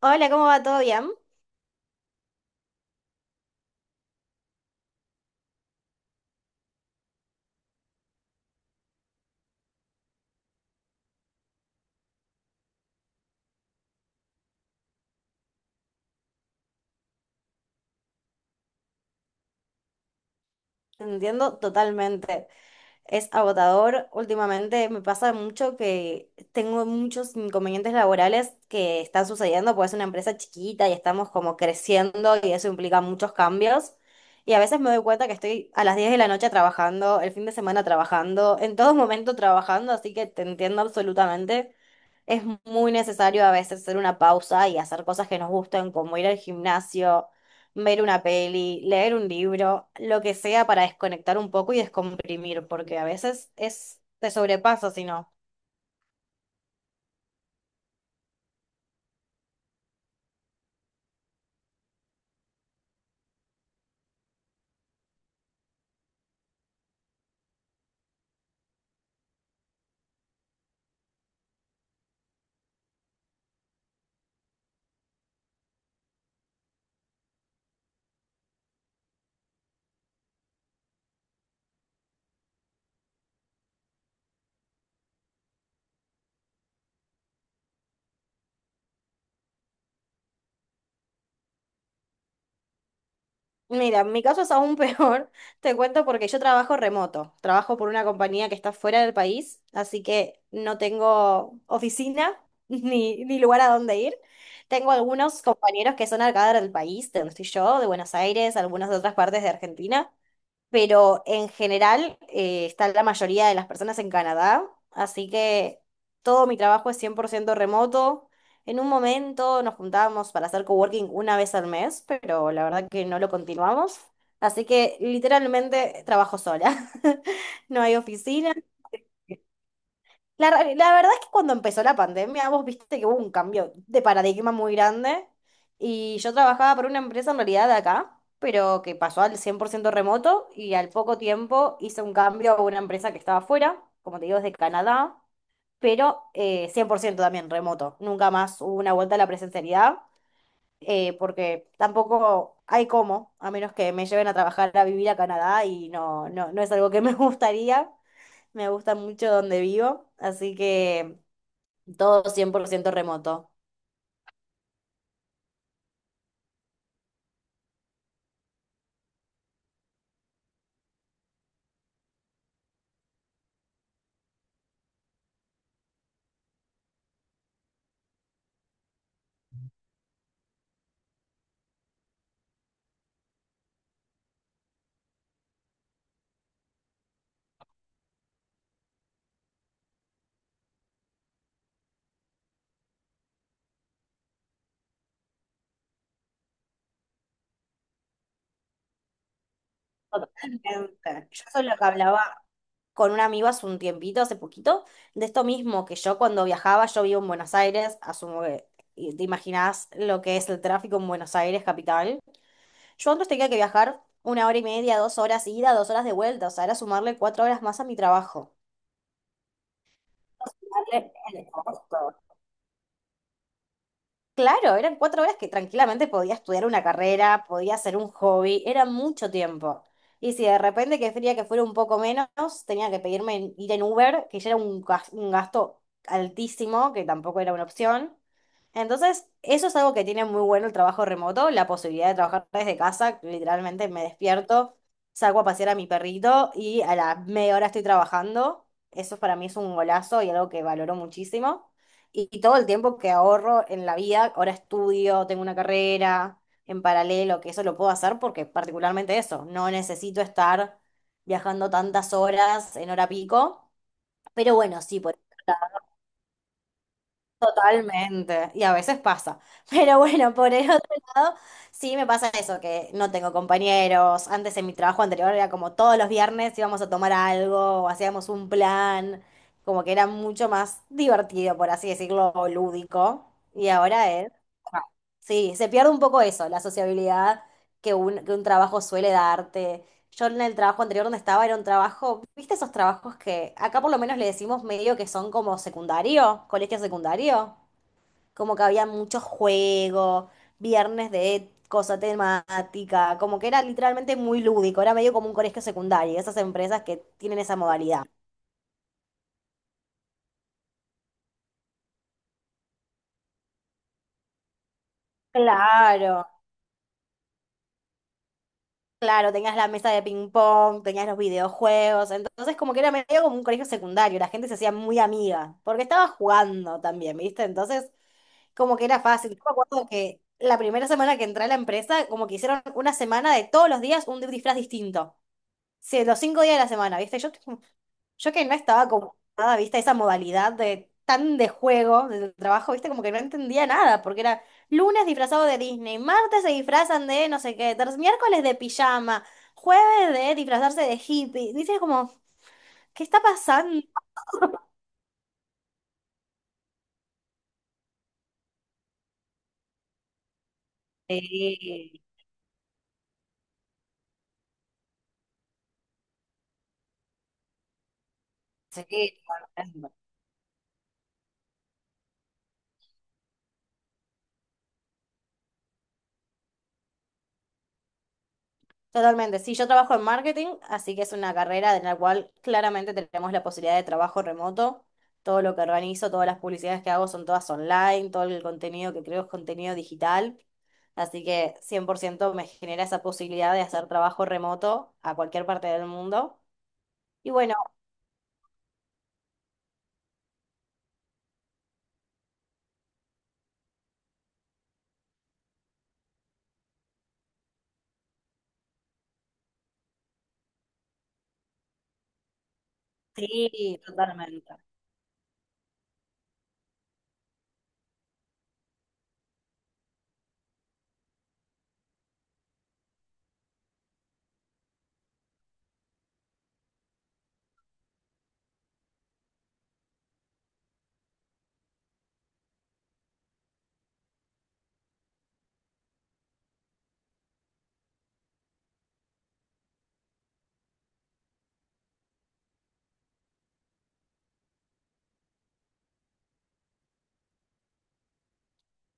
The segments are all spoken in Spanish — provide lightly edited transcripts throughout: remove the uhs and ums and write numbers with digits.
Hola, ¿cómo va? ¿Todo bien? Te entiendo totalmente. Es agotador. Últimamente me pasa mucho que tengo muchos inconvenientes laborales que están sucediendo, porque es una empresa chiquita y estamos como creciendo y eso implica muchos cambios. Y a veces me doy cuenta que estoy a las 10 de la noche trabajando, el fin de semana trabajando, en todo momento trabajando, así que te entiendo absolutamente. Es muy necesario a veces hacer una pausa y hacer cosas que nos gusten, como ir al gimnasio, ver una peli, leer un libro, lo que sea para desconectar un poco y descomprimir, porque a veces es, te sobrepasa si no. Mira, mi caso es aún peor, te cuento porque yo trabajo remoto, trabajo por una compañía que está fuera del país, así que no tengo oficina ni lugar a dónde ir. Tengo algunos compañeros que son acá del país, de donde estoy yo, de Buenos Aires, algunos de otras partes de Argentina, pero en general está la mayoría de las personas en Canadá, así que todo mi trabajo es 100% remoto. En un momento nos juntábamos para hacer coworking una vez al mes, pero la verdad que no lo continuamos. Así que literalmente trabajo sola. No hay oficina, la verdad es que cuando empezó la pandemia, vos viste que hubo un cambio de paradigma muy grande y yo trabajaba para una empresa en realidad de acá, pero que pasó al 100% remoto y al poco tiempo hice un cambio a una empresa que estaba afuera, como te digo, desde Canadá, pero 100% también remoto. Nunca más hubo una vuelta a la presencialidad, porque tampoco hay cómo, a menos que me lleven a trabajar a vivir a Canadá y no, no, no es algo que me gustaría. Me gusta mucho donde vivo, así que. Todo 100% remoto. Totalmente. Yo eso es lo que hablaba. Con un amigo hace un tiempito, hace poquito, de esto mismo, que yo cuando viajaba, yo vivo en Buenos Aires, asumo que y te imaginás lo que es el tráfico en Buenos Aires, capital. Yo antes tenía que viajar una hora y media, 2 horas ida, 2 horas de vuelta, o sea, era sumarle 4 horas más a mi trabajo. Sumarle el costo. Claro, eran 4 horas que tranquilamente podía estudiar una carrera, podía hacer un hobby, era mucho tiempo. Y si de repente quería que fuera un poco menos, tenía que pedirme ir en Uber, que ya era un gasto altísimo, que tampoco era una opción. Entonces, eso es algo que tiene muy bueno el trabajo remoto, la posibilidad de trabajar desde casa. Literalmente me despierto, salgo a pasear a mi perrito y a la media hora estoy trabajando. Eso para mí es un golazo y algo que valoro muchísimo. Y todo el tiempo que ahorro en la vida, ahora estudio, tengo una carrera en paralelo, que eso lo puedo hacer porque particularmente eso, no necesito estar viajando tantas horas en hora pico. Pero bueno, sí, por. Totalmente, y a veces pasa. Pero bueno, por el otro lado, sí me pasa eso, que no tengo compañeros. Antes en mi trabajo anterior era como todos los viernes íbamos a tomar algo, o hacíamos un plan, como que era mucho más divertido, por así decirlo, o lúdico. Y ahora es, ah, sí, se pierde un poco eso, la sociabilidad que un trabajo suele darte. Yo en el trabajo anterior donde estaba era un trabajo, ¿viste esos trabajos que acá por lo menos le decimos medio que son como secundario, colegio secundario? Como que había muchos juegos, viernes de cosa temática, como que era literalmente muy lúdico, era medio como un colegio secundario, esas empresas que tienen esa modalidad. Claro, claro, tenías la mesa de ping pong, tenías los videojuegos, entonces como que era medio como un colegio secundario, la gente se hacía muy amiga, porque estaba jugando también, ¿viste? Entonces como que era fácil. Yo me acuerdo que la primera semana que entré a la empresa, como que hicieron una semana de todos los días un disfraz distinto. Sí, los 5 días de la semana, ¿viste? Yo que no estaba como nada, ¿viste? Esa modalidad de tan de juego del trabajo, ¿viste? Como que no entendía nada, porque era lunes disfrazado de Disney, martes se disfrazan de no sé qué, miércoles de pijama, jueves de disfrazarse de hippie. Dices como, ¿qué está pasando? Sí, sí, totalmente. Sí, yo trabajo en marketing, así que es una carrera en la cual claramente tenemos la posibilidad de trabajo remoto. Todo lo que organizo, todas las publicidades que hago son todas online, todo el contenido que creo es contenido digital. Así que 100% me genera esa posibilidad de hacer trabajo remoto a cualquier parte del mundo. Y bueno, sí, totalmente.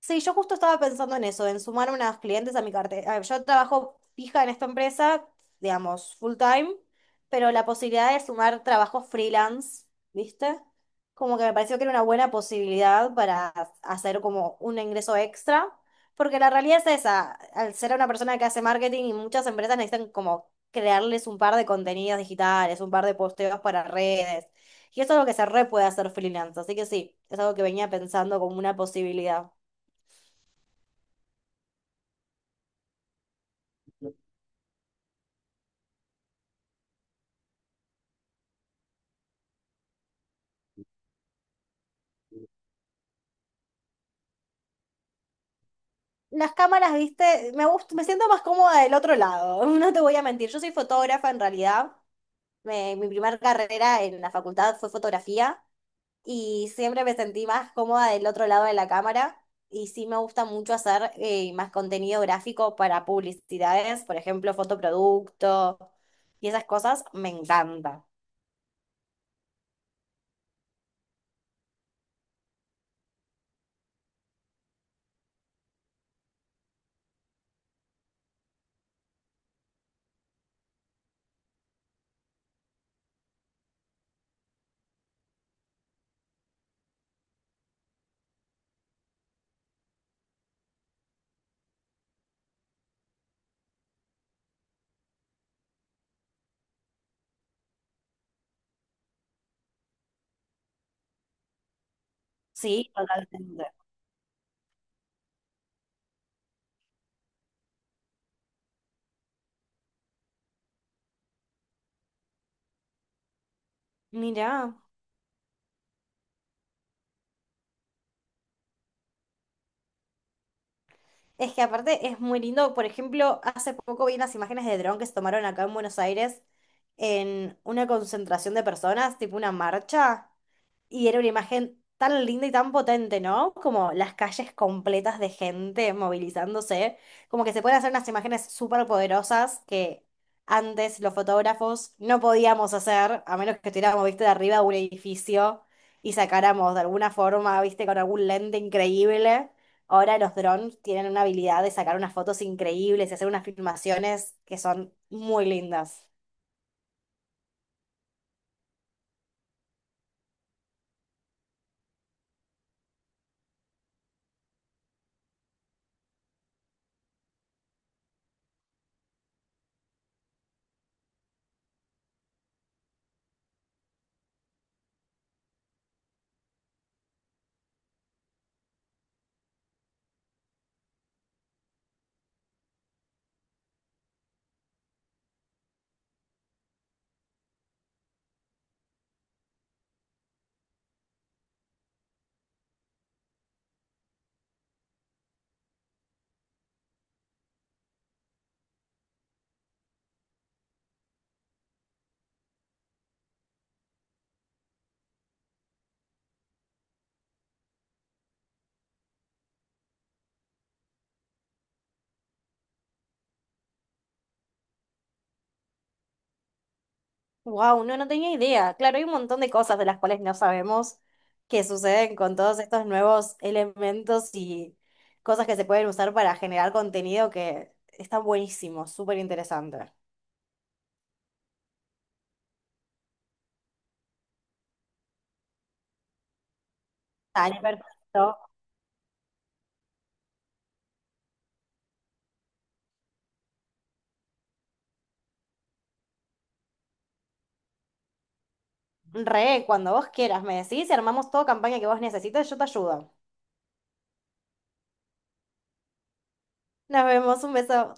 Sí, yo justo estaba pensando en eso, en sumar unas clientes a mi cartera. Yo trabajo fija en esta empresa, digamos, full time, pero la posibilidad de sumar trabajos freelance, ¿viste? Como que me pareció que era una buena posibilidad para hacer como un ingreso extra, porque la realidad es esa, al ser una persona que hace marketing y muchas empresas necesitan como crearles un par de contenidos digitales, un par de posteos para redes, y eso es lo que se re puede hacer freelance, así que sí, es algo que venía pensando como una posibilidad. Las cámaras, viste, me siento más cómoda del otro lado, no te voy a mentir. Yo soy fotógrafa en realidad. Mi primera carrera en la facultad fue fotografía y siempre me sentí más cómoda del otro lado de la cámara. Y sí me gusta mucho hacer más contenido gráfico para publicidades, por ejemplo, fotoproducto y esas cosas me encanta. Sí, totalmente. Mirá. Es que aparte es muy lindo, por ejemplo, hace poco vi unas imágenes de dron que se tomaron acá en Buenos Aires en una concentración de personas, tipo una marcha. Y era una imagen tan linda y tan potente, ¿no? Como las calles completas de gente movilizándose. Como que se pueden hacer unas imágenes súper poderosas que antes los fotógrafos no podíamos hacer, a menos que estuviéramos, viste, de arriba de un edificio y sacáramos de alguna forma, viste, con algún lente increíble. Ahora los drones tienen una habilidad de sacar unas fotos increíbles y hacer unas filmaciones que son muy lindas. Wow, no, no tenía idea. Claro, hay un montón de cosas de las cuales no sabemos que suceden con todos estos nuevos elementos y cosas que se pueden usar para generar contenido que están buenísimos, súper interesante. Dale, perfecto. Re, cuando vos quieras, me decís y armamos toda campaña que vos necesites, yo te ayudo. Nos vemos, un beso.